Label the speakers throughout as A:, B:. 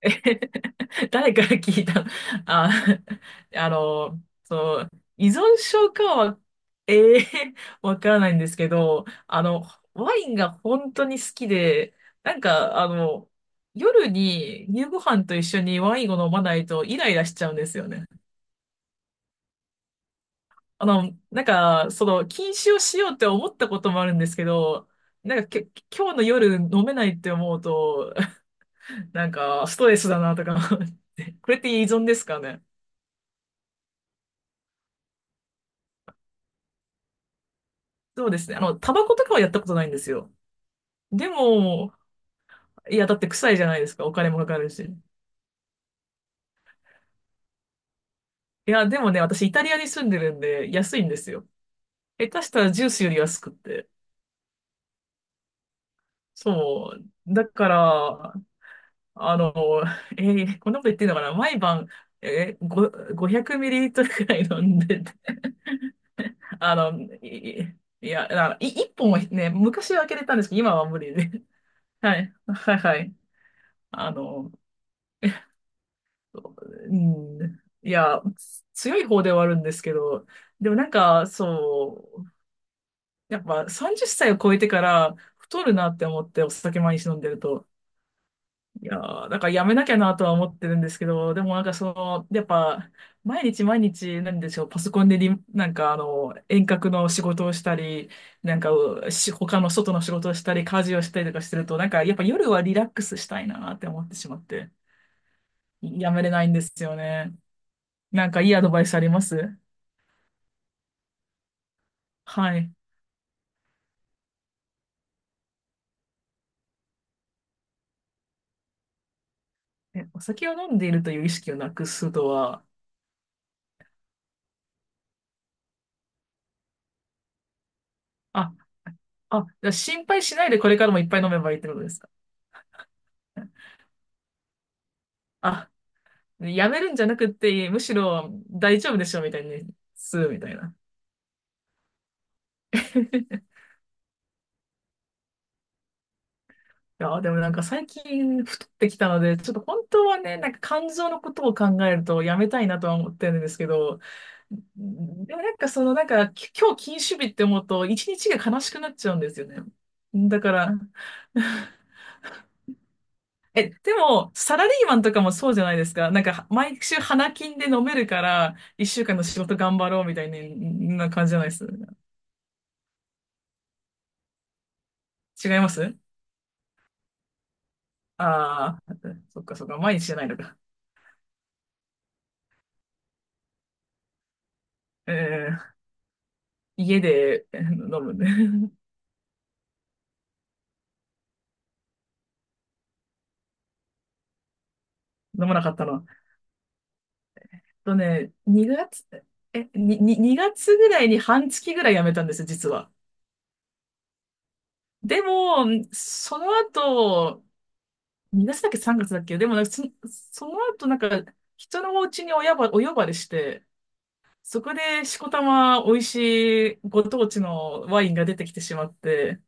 A: 誰から聞いたの？ あ、そう、依存症かは、ええ、 わからないんですけど、ワインが本当に好きで、なんか、夜に夕ご飯と一緒にワインを飲まないとイライラしちゃうんですよね。なんか、禁酒をしようって思ったこともあるんですけど、なんか、今日の夜飲めないって思うと、なんか、ストレスだなとか思って、これって依存ですかね？そうですね。タバコとかはやったことないんですよ。でも、いや、だって臭いじゃないですか。お金もかかるし。いや、でもね、私イタリアに住んでるんで、安いんですよ。下手したらジュースより安くって。そう。だから、あの、えこんなこと言ってんのかな毎晩、えー、ご500ミリリットルくらい飲んでて、あの、い、いや、あの、い、1本はね、昔は開けれたんですけど、今は無理で。はい。はいはい。あの、うん。いや、強い方ではあるんですけど、でもなんか、そう、やっぱ30歳を超えてから太るなって思ってお酒毎日飲んでると。いやー、だからやめなきゃなとは思ってるんですけど、でもなんかやっぱ、毎日毎日、なんでしょう、パソコンでなんか遠隔の仕事をしたり、なんか、他の外の仕事をしたり、家事をしたりとかしてると、なんか、やっぱ夜はリラックスしたいなって思ってしまって、やめれないんですよね。なんかいいアドバイスあります？はい。え、お酒を飲んでいるという意識をなくすとは、あ、あ、じゃあ心配しないでこれからもいっぱい飲めばいいってことですか？あ、やめるんじゃなくって、むしろ大丈夫でしょみたいにするみたいな。いや、でもなんか最近太ってきたので、ちょっと本当はね、なんか肝臓のことを考えるとやめたいなとは思ってるんですけど、でもなんかなんか今日禁酒日って思うと一日が悲しくなっちゃうんですよね。だから、え、でも、サラリーマンとかもそうじゃないですか。なんか、毎週花金で飲めるから、一週間の仕事頑張ろうみたいな、感じじゃないです？違います。ああー、そっかそっか、毎日じゃないのか。えー、家で飲むね。飲まなかったの。2月、に2月ぐらいに半月ぐらい辞めたんですよ、実は。でも、その後、2月だっけ3月だっけ？でもなんかその後なんか、人のお家にお呼ばれして、そこでしこたま美味しいご当地のワインが出てきてしまって、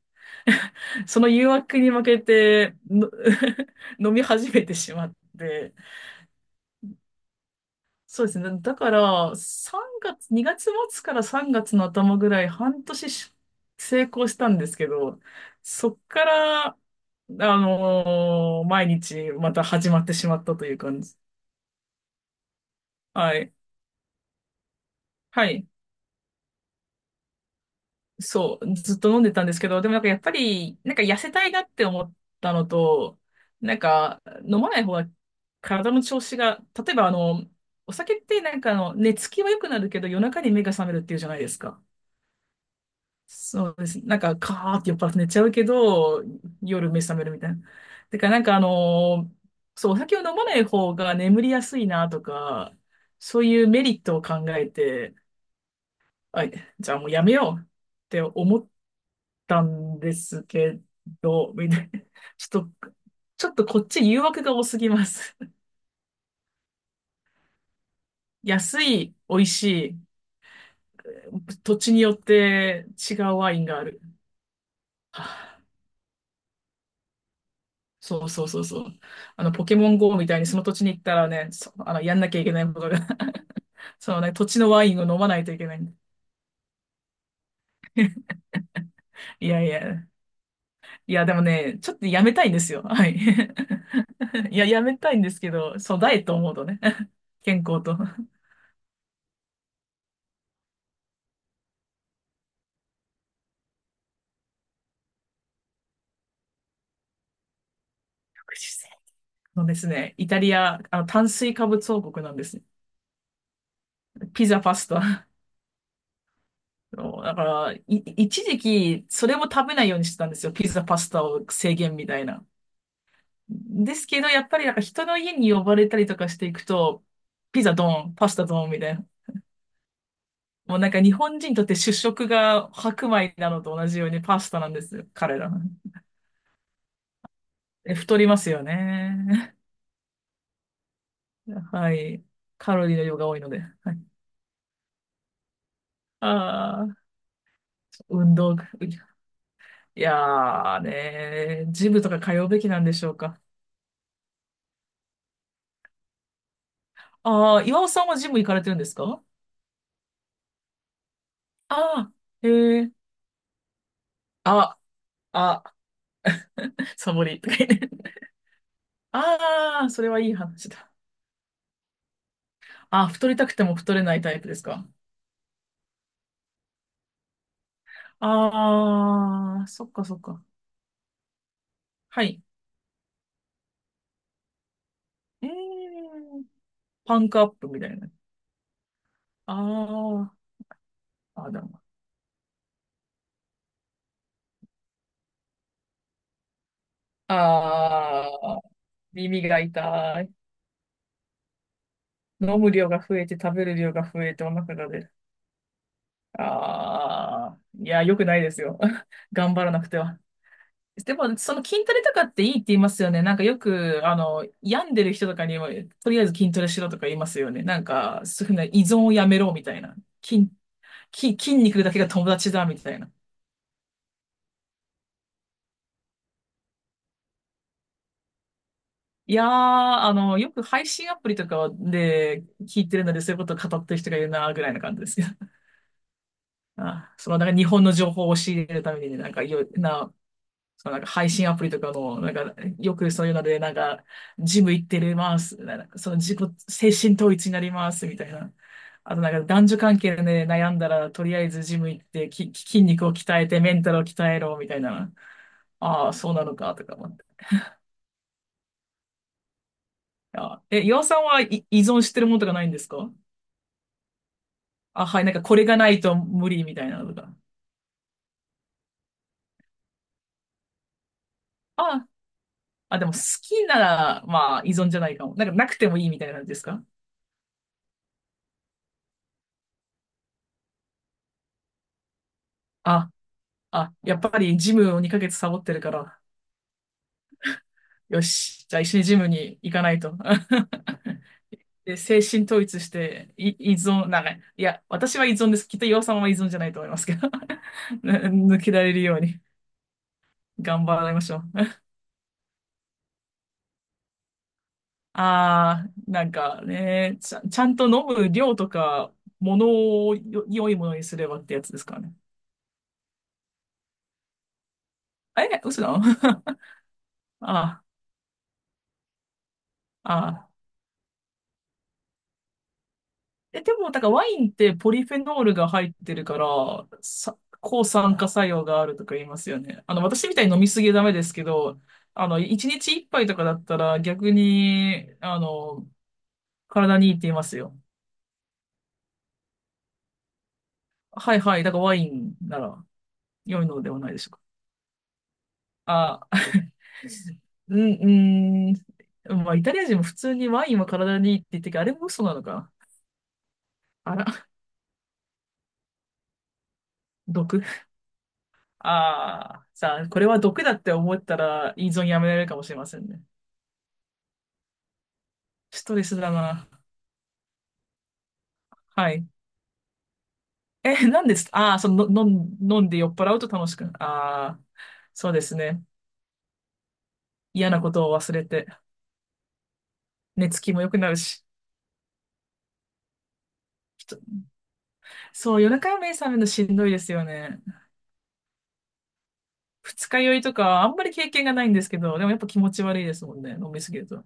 A: その誘惑に負けての 飲み始めてしまって、そうですね。だから3月、2月末から3月の頭ぐらい半年し成功したんですけど、そっから、毎日また始まってしまったという感じ。はい。はい。そう、ずっと飲んでたんですけど、でもなんかやっぱり、なんか痩せたいなって思ったのと、なんか飲まない方が体の調子が、例えばお酒ってなんか寝つきは良くなるけど夜中に目が覚めるっていうじゃないですか。そうです。なんかカーって酔っ払って寝ちゃうけど、夜目覚めるみたいな。なんかそう、お酒を飲まない方が眠りやすいなとか、そういうメリットを考えて、あ、じゃあもうやめよう。って思ったんですけど、みたいな。ちょっと、ちょっとこっち誘惑が多すぎます。安い、美味しい、土地によって違うワインがある。はあ、そうそうそうそう。ポケモン GO みたいにその土地に行ったらね、そあの、やんなきゃいけないことが そのね、土地のワインを飲まないといけない。いやいや、いや、でもね、ちょっとやめたいんですよ。はい。いや、やめたいんですけど、そう、ダイエットを思うとね、健康と。福祉のですね。イタリア、炭水化物王国なんですね。ピザ、パスタ。そうだから、一時期、それも食べないようにしてたんですよ。ピザ、パスタを制限みたいな。ですけど、やっぱりなんか人の家に呼ばれたりとかしていくと、ピザドン、パスタドンみたいな。もうなんか日本人にとって主食が白米なのと同じようにパスタなんですよ。彼ら。太りますよね。はい。カロリーの量が多いので。はい、ああ、運動。いやーねー、ジムとか通うべきなんでしょうか？ああ、岩尾さんはジム行かれてるんですか？ああー、へえ、あ、あ、サボりとか言って。ああ、それはいい話だ。ああ、太りたくても太れないタイプですか？ああー、そっかそっか。はい。うーん、パンクアップみたいな。ああ、あ、でも。ああ、耳が痛い。飲む量が増えて食べる量が増えてお腹が出る。ああ、いや、良くないですよ。頑張らなくては。でも、その筋トレとかっていいって言いますよね。なんかよく、病んでる人とかにも、とりあえず筋トレしろとか言いますよね。なんか、そういうふうな依存をやめろみたいな。筋、筋肉だけが友達だみたいな。いやー、よく配信アプリとかで聞いてるので、そういうことを語ってる人がいるな、ぐらいな感じですけど。あ、その、なんか日本の情報を教えるためにね、なんか、いろんな配信アプリとかの、なんか、よくそういうので、なんか、ジム行ってるます。なんか自己、精神統一になります、みたいな。あとなんか男女関係で、ね、悩んだら、とりあえずジム行ってき、筋肉を鍛えて、メンタルを鍛えろ、みたいな。ああ、そうなのか、とか思って。あ、え、岩尾さんはい依存してるものとかないんですか？あ、はい、なんかこれがないと無理みたいなのとか。あ、あ、でも好きなら、まあ依存じゃないかも。なんかなくてもいいみたいな感じですか？ああ、やっぱりジムを2ヶ月サボってるから、よし、じゃあ一緒にジムに行かないと。で、精神統一して、依存、なんか、いや、私は依存です。きっと岩さんは依存じゃないと思いますけど。抜けられるように頑張りましょう。ああ、なんかね、ちゃんと飲む量とか、ものを良いものにすればってやつですからね。え、嘘だ。ああ、ああ。え、でも、だからワインってポリフェノールが入ってるから、さ、抗酸化作用があるとか言いますよね。私みたいに飲みすぎはダメですけど、一日一杯とかだったら逆に、体にいいって言いますよ。はいはい。だからワインなら良いのではないでしょうか。あ、うん、うん。まあ、イタリア人も普通にワインは体にいいって言ってるけど、あれも嘘なのかな。あら、毒。ああ、さあ、これは毒だって思ったら依存やめられるかもしれませんね。ストレスだな。はい。え、何です？ああー、その、飲んで酔っ払うと楽しくな、ああ、そうですね。嫌なことを忘れて、寝つきも良くなるし。ちそう、夜中目覚めるのしんどいですよね。二日酔いとか、あんまり経験がないんですけど、でもやっぱ気持ち悪いですもんね、飲みすぎると。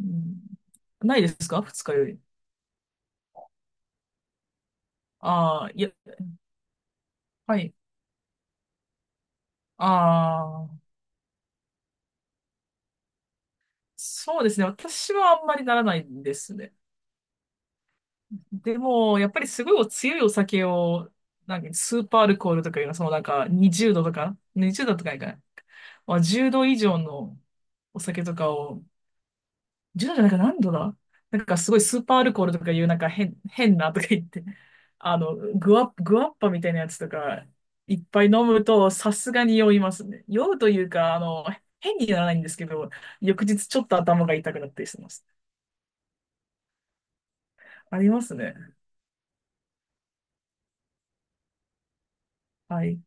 A: うん、ないですか二日酔い？ああ、いや、はい。ああ、そうですね。私はあんまりならないんですね。でも、やっぱりすごいお強いお酒を、なんかスーパーアルコールとかいうのは、そのなんか20度とか、20度とかないかな。まあ、10度以上のお酒とかを、10度じゃないか何度だ？なんかすごいスーパーアルコールとかいうなんか変なとか言って、グワッパみたいなやつとか、いっぱい飲むとさすがに酔いますね。酔うというか、変にならないんですけど、翌日ちょっと頭が痛くなったりしてます。ありますね。はい。